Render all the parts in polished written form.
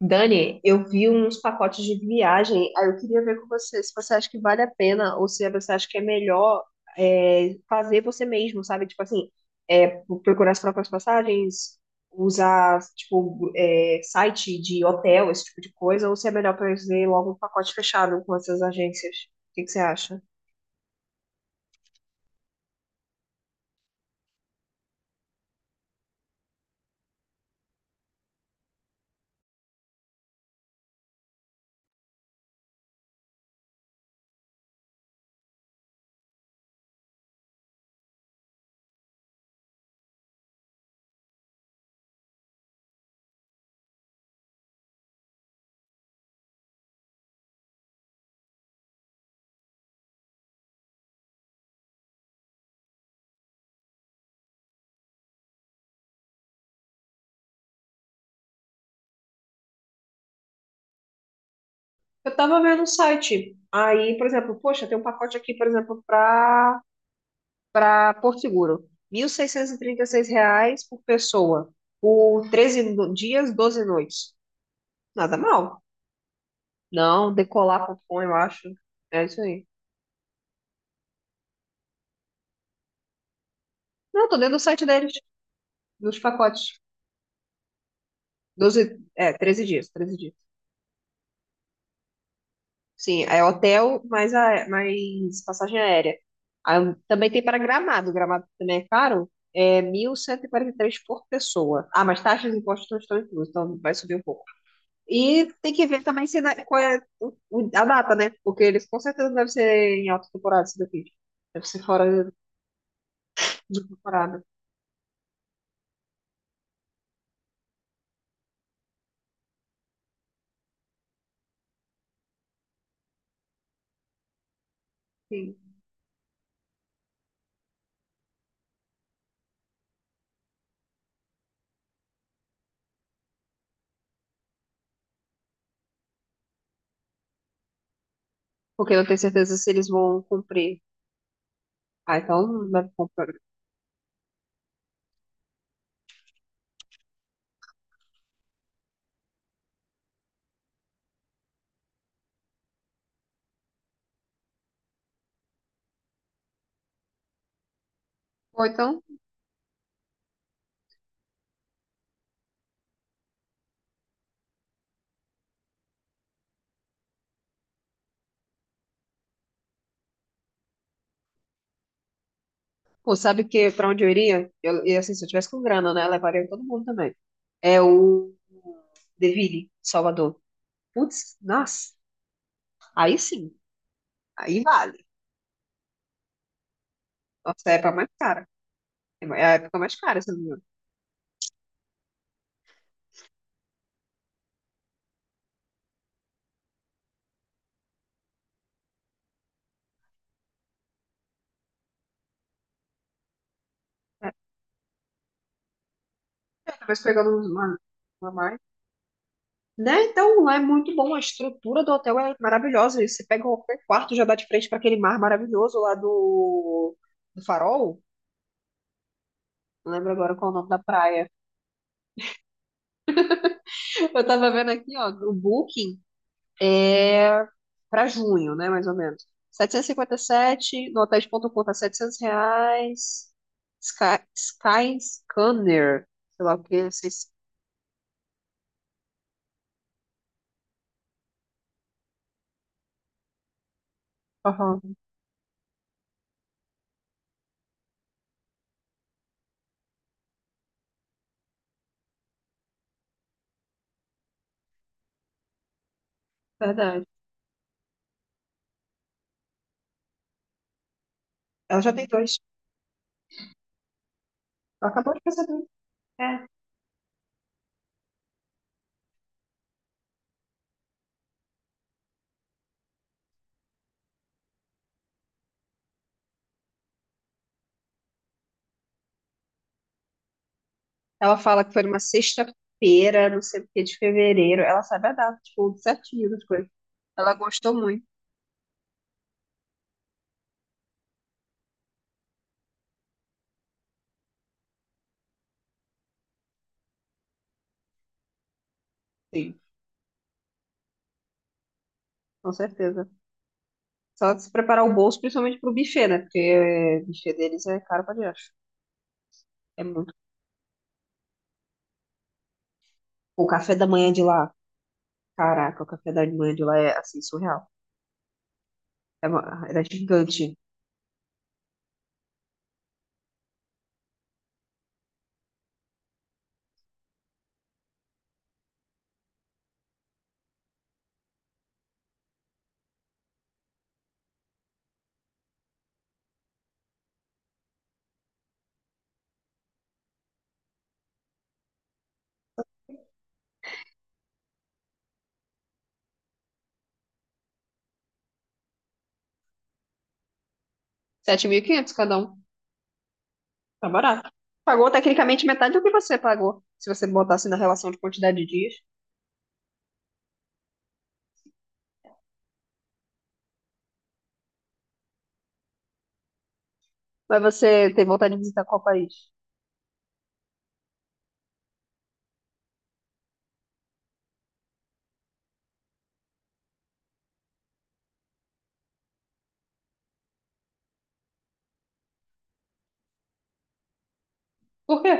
Dani, eu vi uns pacotes de viagem, aí eu queria ver com você se você acha que vale a pena ou se você acha que é melhor fazer você mesmo, sabe? Tipo assim, é, procurar as próprias passagens, usar tipo site de hotel, esse tipo de coisa, ou se é melhor fazer logo um pacote fechado com essas agências. O que que você acha? Eu tava vendo o site, aí, por exemplo, poxa, tem um pacote aqui, por exemplo, para Porto Seguro. R$ 1.636 por pessoa, por 13 dias, 12 noites. Nada mal. Não, decolar.com, eu acho. É isso aí. Não, tô dentro do site deles, nos pacotes. 12 13 dias, 13 dias. Sim, é hotel mais passagem aérea. Aí, também tem para Gramado, Gramado também é caro. É mil cento e quarenta e três por pessoa. Ah, mas taxas e impostos não estão inclusos, então vai subir um pouco. E tem que ver também se qual é a data, né? Porque eles com certeza devem ser em alta temporada isso daqui. Deve ser fora de temporada. Sim. Porque eu não tenho certeza se eles vão cumprir. Ah, então deve cumprir. Ou então, pô, sabe que pra onde eu iria? Eu, e assim, se eu tivesse com grana, né? Eu levaria todo mundo também. É o Deville, Salvador. Putz, nossa, aí sim, aí vale. Nossa, é a época mais cara. É a época mais cara, se eu não me engano. É, mas pegando uma mais. Né? Então é muito bom, a estrutura do hotel é maravilhosa. E você pega qualquer quarto, já dá de frente para aquele mar maravilhoso lá do, do Farol. Não lembro agora qual é o nome da praia. Eu tava vendo aqui, ó, o Booking é para junho, né, mais ou menos. 757 no hotéis ponto hotéis.com tá R$ 700. Sky, Sky Scanner, sei lá o que, vocês. Aham, verdade. Ela já tem dois. Ela acabou de fazer dois. É. Ela fala que foi numa sexta-feira, não sei o que, de fevereiro. Ela sabe a data, tipo, certinho das coisas. Ela gostou muito, sim, com certeza. Só de se preparar o bolso, principalmente pro buffet, né? Porque o buffet deles é caro pra diacho. É muito. O café da manhã de lá, caraca, o café da manhã de lá é, assim, surreal. É, era gigante. 7.500 cada um. Tá barato. Pagou tecnicamente metade do que você pagou, se você botasse na relação de quantidade de dias. Mas você tem vontade de visitar qual país? Por quê?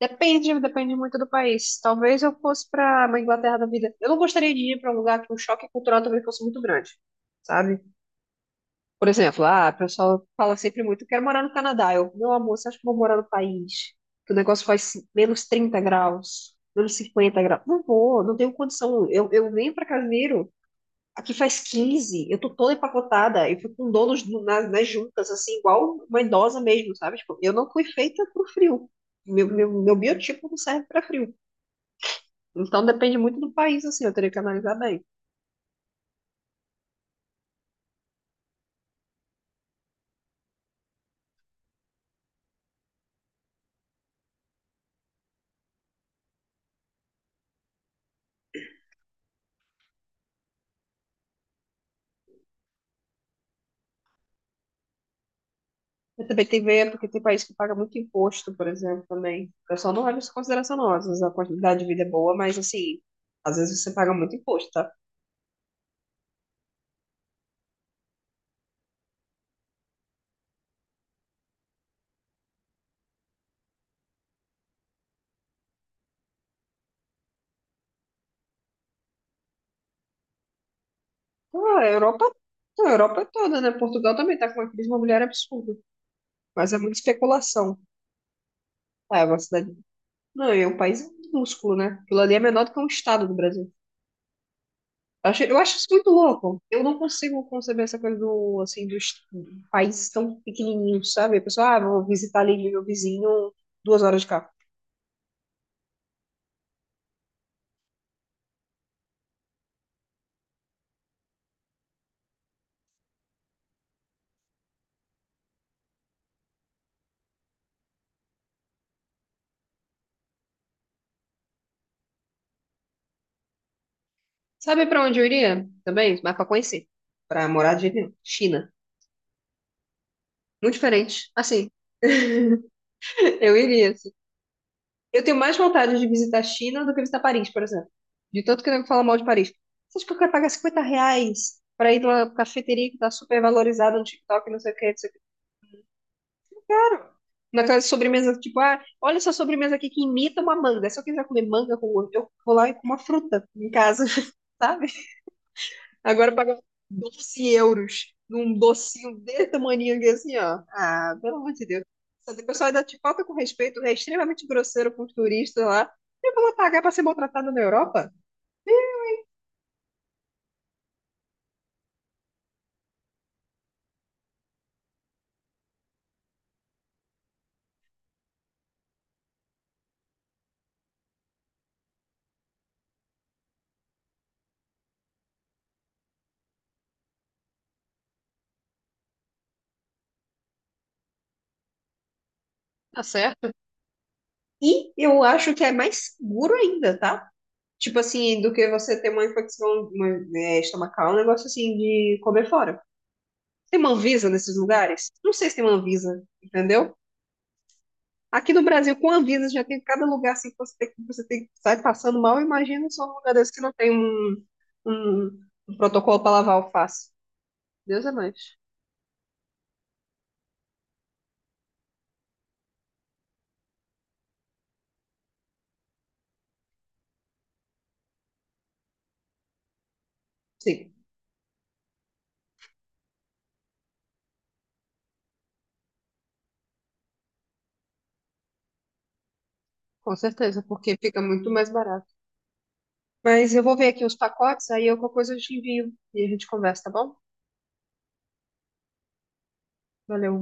Depende, depende muito do país. Talvez eu fosse para uma Inglaterra da vida. Eu não gostaria de ir para um lugar que o choque cultural também fosse muito grande, sabe? Por exemplo, ah, o pessoal fala sempre muito, quero morar no Canadá. Eu, meu amor, você acha que eu vou morar no país? Que o negócio faz menos 30 graus, menos 50 graus. Não vou, não tenho condição. Eu venho para Casimiro. Aqui faz 15, eu tô toda empacotada, eu fico com donos nas juntas, assim, igual uma idosa mesmo, sabe? Tipo, eu não fui feita pro frio. Meu biotipo não serve para frio. Então depende muito do país, assim, eu teria que analisar bem. Eu também tem que ver, porque tem país que paga muito imposto, por exemplo, também. O pessoal não leva isso em consideração, não. Às vezes a quantidade de vida é boa, mas assim, às vezes você paga muito imposto, tá? Então, a Europa é toda, né? Portugal também tá com uma crise imobiliária absurda, mas é muita especulação. Ah, é uma cidade. Não, é um país minúsculo, né? Aquilo ali é menor do que um estado do Brasil. Eu acho isso muito louco. Eu não consigo conceber essa coisa do, assim, do país tão pequenininho, sabe? A pessoa, ah, vou visitar ali meu vizinho 2 horas de carro. Sabe pra onde eu iria também? Mas pra conhecer. Pra morar de jeito nenhum. China. Muito diferente. Assim, eu iria. Assim. Eu tenho mais vontade de visitar a China do que visitar Paris, por exemplo. De tanto que eu fala mal de Paris. Você acha que eu quero pagar R$ 50 pra ir numa cafeteria que tá super valorizada no TikTok, não sei o que, não sei o que. Naquela sobremesa, tipo, ah, olha essa sobremesa aqui que imita uma manga. Se eu quiser comer manga, eu vou lá e como uma fruta em casa, sabe? Agora pagar € 12 num docinho desse tamaninho aqui, assim, ó. Ah, pelo amor de Deus. O pessoal ainda te falta com respeito, é extremamente grosseiro com os turistas lá. Eu vou lá pagar pra ser maltratado na Europa? Tá certo? E eu acho que é mais seguro ainda, tá? Tipo assim, do que você ter uma infecção estomacal, um negócio assim de comer fora. Tem uma Anvisa nesses lugares? Não sei se tem uma Anvisa, entendeu? Aqui no Brasil, com Anvisa, já tem cada lugar assim que você tem, você tem que sair passando mal. Imagina só um lugar desse que não tem um, protocolo para lavar alface. Deus é mais. Sim, com certeza, porque fica muito mais barato. Mas eu vou ver aqui os pacotes, aí qualquer coisa eu te envio e a gente conversa, tá bom? Valeu.